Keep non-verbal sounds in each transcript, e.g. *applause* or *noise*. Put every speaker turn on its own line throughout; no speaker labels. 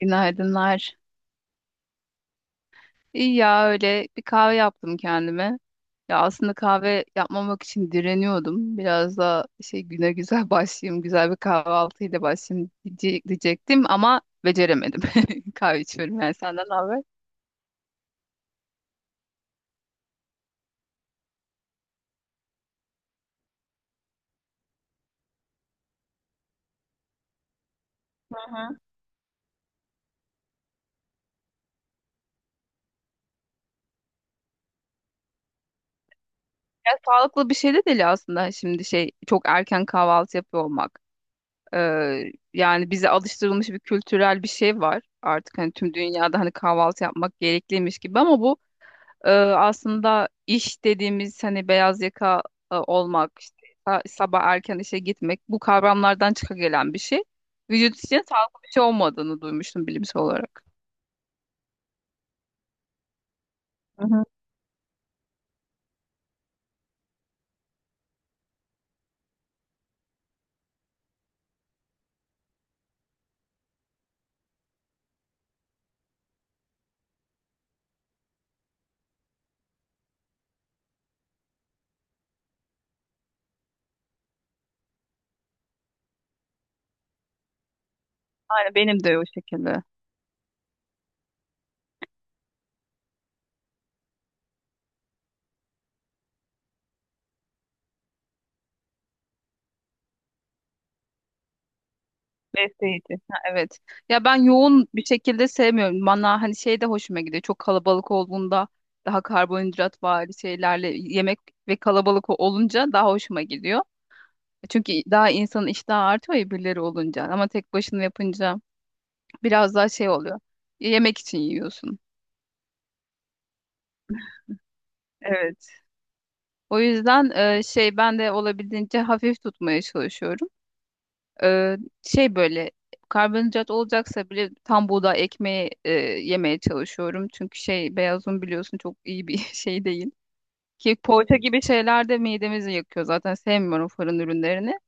Günaydınlar. İyi ya öyle bir kahve yaptım kendime. Ya aslında kahve yapmamak için direniyordum. Biraz da şey güne güzel *laughs* başlayayım, güzel bir kahvaltıyla başlayayım diyecektim ama beceremedim. *laughs* Kahve içiyorum yani senden ne haber? Hı hı. Ya sağlıklı bir şey de değil aslında şimdi şey çok erken kahvaltı yapıyor olmak. Ee, Yani bize alıştırılmış bir kültürel bir şey var. Artık hani tüm dünyada hani kahvaltı yapmak gerekliymiş gibi ama bu aslında iş dediğimiz hani beyaz yaka olmak, işte sabah erken işe gitmek bu kavramlardan çıka gelen bir şey. Vücut için sağlıklı bir şey olmadığını duymuştum bilimsel olarak. Hı hı. Aynen benim de o şekilde. Besleyici. Ha, evet. Ya ben yoğun bir şekilde sevmiyorum. Bana hani şey de hoşuma gidiyor. Çok kalabalık olduğunda daha karbonhidrat var şeylerle yemek ve kalabalık olunca daha hoşuma gidiyor. Çünkü daha insanın iştahı artıyor ya birileri olunca. Ama tek başına yapınca biraz daha şey oluyor. Yemek için yiyorsun. Evet. O yüzden şey ben de olabildiğince hafif tutmaya çalışıyorum. E, Şey böyle karbonhidrat olacaksa bile tam buğday ekmeği yemeye çalışıyorum. Çünkü şey beyaz un biliyorsun çok iyi bir *laughs* şey değil. Ki poğaça gibi şeyler de midemizi yakıyor zaten sevmiyorum fırın ürünlerini.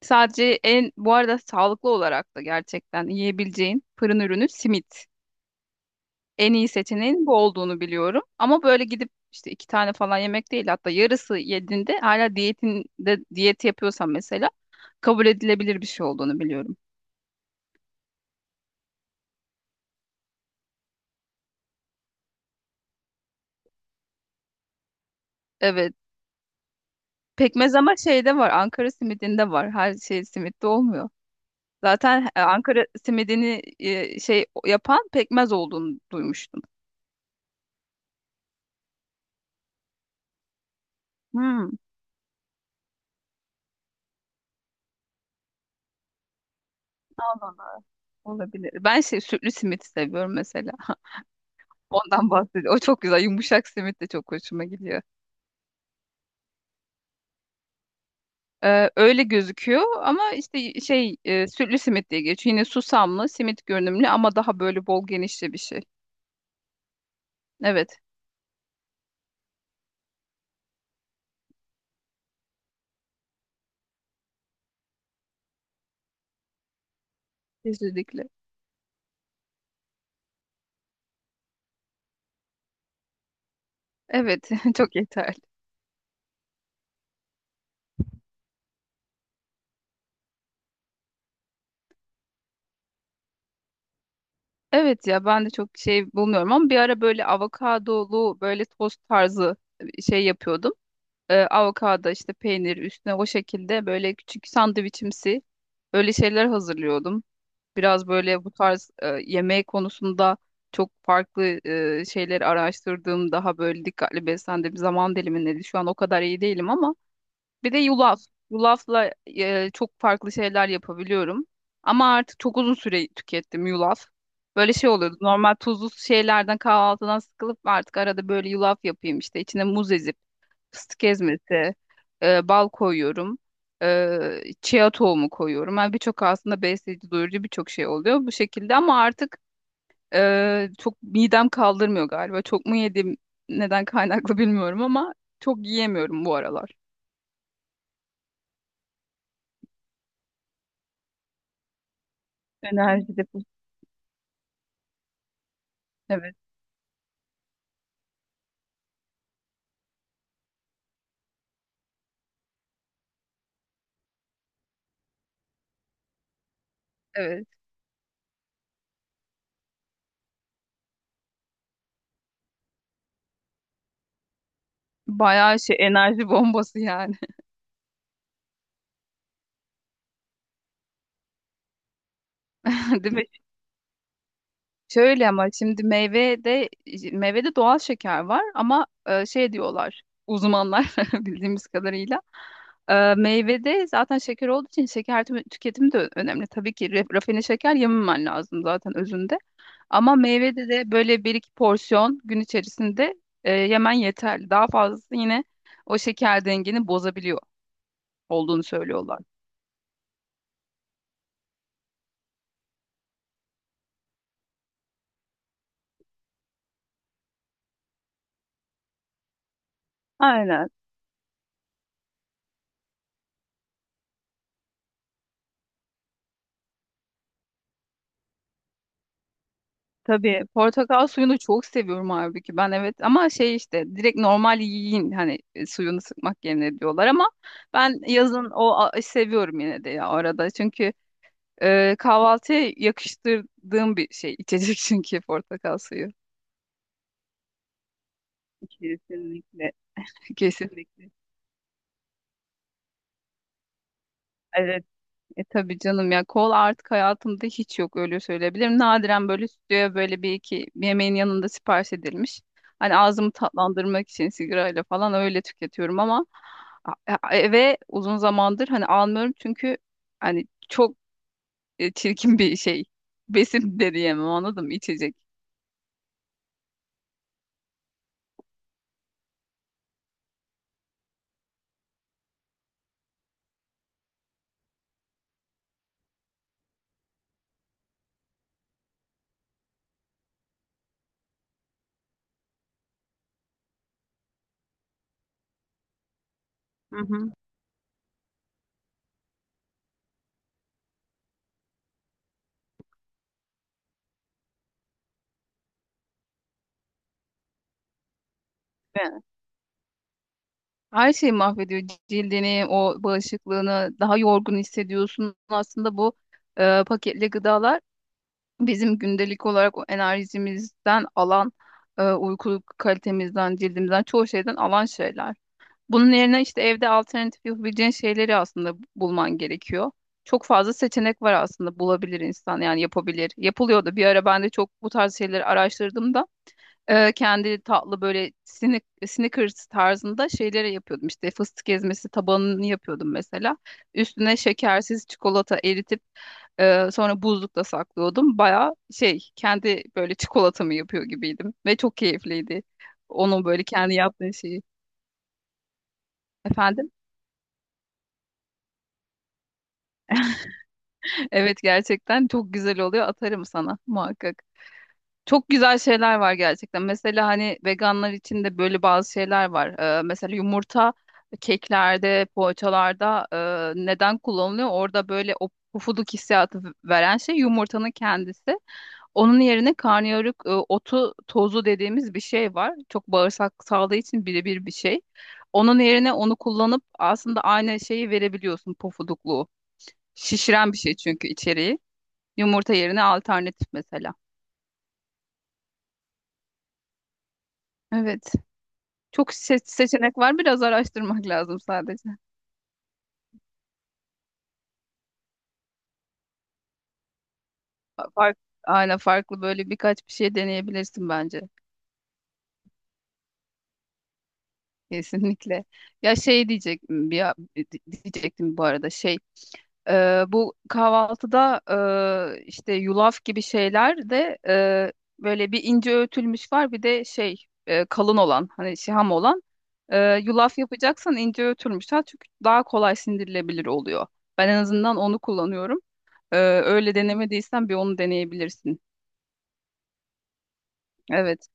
Sadece en bu arada sağlıklı olarak da gerçekten yiyebileceğin fırın ürünü simit. En iyi seçeneğin bu olduğunu biliyorum. Ama böyle gidip işte iki tane falan yemek değil, hatta yarısı yediğinde hala diyetinde diyet yapıyorsan mesela kabul edilebilir bir şey olduğunu biliyorum. Evet. Pekmez ama şeyde var. Ankara simidinde var. Her şey simitte olmuyor. Zaten Ankara simidini şey yapan pekmez olduğunu duymuştum. Hmm. Allah Allah. Olabilir. Ben şey sütlü simit seviyorum mesela. Ondan bahsediyorum. O çok güzel. Yumuşak simit de çok hoşuma gidiyor. Öyle gözüküyor ama işte şey sütlü simit diye geçiyor. Yine susamlı simit görünümlü ama daha böyle bol genişli bir şey. Evet, kesinlikle. Evet, *laughs* çok yeterli. Evet ya ben de çok şey bulmuyorum ama bir ara böyle avokadolu böyle tost tarzı şey yapıyordum. Avokado işte peynir üstüne o şekilde böyle küçük sandviçimsi öyle şeyler hazırlıyordum. Biraz böyle bu tarz yemeği konusunda çok farklı şeyleri araştırdığım daha böyle dikkatli beslendiğim zaman dilimindeydi. Şu an o kadar iyi değilim ama bir de yulaf. Yulafla çok farklı şeyler yapabiliyorum. Ama artık çok uzun süre tükettim yulaf. Böyle şey oluyordu. Normal tuzlu şeylerden kahvaltıdan sıkılıp artık arada böyle yulaf yapayım işte içine muz ezip fıstık ezmesi, bal koyuyorum. E, Chia tohumu koyuyorum. Yani birçok aslında besleyici, doyurucu birçok şey oluyor bu şekilde ama artık çok midem kaldırmıyor galiba. Çok mu yedim, neden kaynaklı bilmiyorum ama çok yiyemiyorum bu aralar. Enerji deposu. Evet, evet. Bayağı şey enerji bombası yani. *laughs* Değil mi? Şöyle ama şimdi meyvede meyvede doğal şeker var ama şey diyorlar uzmanlar *laughs* bildiğimiz kadarıyla meyvede zaten şeker olduğu için şeker tüketimi de önemli. Tabii ki rafine şeker yememen lazım zaten özünde. Ama meyvede de böyle bir iki porsiyon gün içerisinde yemen yeterli. Daha fazlası yine o şeker dengeni bozabiliyor olduğunu söylüyorlar. Aynen. Tabii portakal suyunu çok seviyorum halbuki ben, evet, ama şey işte direkt normal yiyin hani suyunu sıkmak yerine diyorlar ama ben yazın seviyorum yine de ya arada çünkü kahvaltıya yakıştırdığım bir şey içecek *laughs* çünkü portakal suyu. Kesinlikle. *laughs* Kesinlikle. E tabii canım ya kol artık hayatımda hiç yok öyle söyleyebilirim. Nadiren böyle stüdyoya böyle bir iki yemeğin yanında sipariş edilmiş. Hani ağzımı tatlandırmak için sigarayla falan öyle tüketiyorum ama eve uzun zamandır hani almıyorum çünkü hani çok çirkin bir şey. *laughs* Besin de diyemem, anladın mı? İçecek. Her şeyi mahvediyor cildini, o bağışıklığını, daha yorgun hissediyorsun. Aslında bu paketli gıdalar bizim gündelik olarak o enerjimizden alan, uyku kalitemizden, cildimizden çoğu şeyden alan şeyler. Bunun yerine işte evde alternatif yapabileceğin şeyleri aslında bulman gerekiyor. Çok fazla seçenek var, aslında bulabilir insan yani yapabilir. Yapılıyordu. Bir ara ben de çok bu tarz şeyleri araştırdım da kendi tatlı böyle Snickers tarzında şeyleri yapıyordum. İşte fıstık ezmesi tabanını yapıyordum mesela. Üstüne şekersiz çikolata eritip sonra buzlukta saklıyordum. Baya şey kendi böyle çikolatamı yapıyor gibiydim ve çok keyifliydi. Onun böyle kendi yaptığı şeyi. Efendim? *laughs* Evet, gerçekten çok güzel oluyor. Atarım sana muhakkak. Çok güzel şeyler var gerçekten. Mesela hani veganlar için de böyle bazı şeyler var. Mesela yumurta keklerde, poğaçalarda neden kullanılıyor? Orada böyle o pufuduk hissiyatı veren şey yumurtanın kendisi. Onun yerine karnıyarık otu tozu dediğimiz bir şey var. Çok bağırsak sağlığı için birebir bir şey. Onun yerine onu kullanıp aslında aynı şeyi verebiliyorsun, pufudukluğu. Şişiren bir şey çünkü içeriği. Yumurta yerine alternatif mesela. Evet. Çok seçenek var. Biraz araştırmak lazım sadece. Fa- Fark, aynen farklı böyle birkaç bir şey deneyebilirsin bence. Kesinlikle. Ya şey diyecek bir diyecektim bu arada şey bu kahvaltıda işte yulaf gibi şeyler de böyle bir ince öğütülmüş var, bir de şey kalın olan hani şiham olan. Yulaf yapacaksan ince öğütülmüş. Ha, çünkü daha kolay sindirilebilir oluyor. Ben en azından onu kullanıyorum. Ee, Öyle denemediysen bir onu deneyebilirsin. Evet.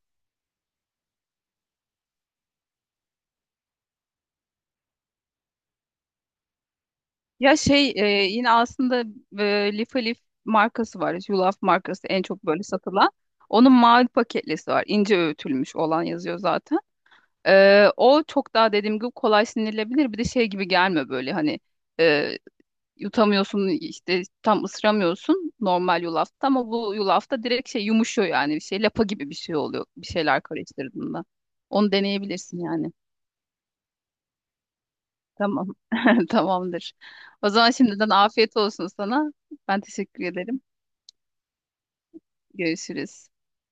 Ya şey yine aslında Lif Alif markası var. Yulaf markası en çok böyle satılan. Onun mavi paketlisi var. İnce öğütülmüş olan yazıyor zaten. O çok daha dediğim gibi kolay sindirilebilir. Bir de şey gibi gelme böyle hani e, yutamıyorsun, işte tam ısıramıyorsun normal yulafta, ama bu yulafta direkt şey yumuşuyor, yani bir şey lapa gibi bir şey oluyor bir şeyler karıştırdığında. Onu deneyebilirsin yani. Tamam. *laughs* Tamamdır. O zaman şimdiden afiyet olsun sana. Ben teşekkür ederim. Görüşürüz.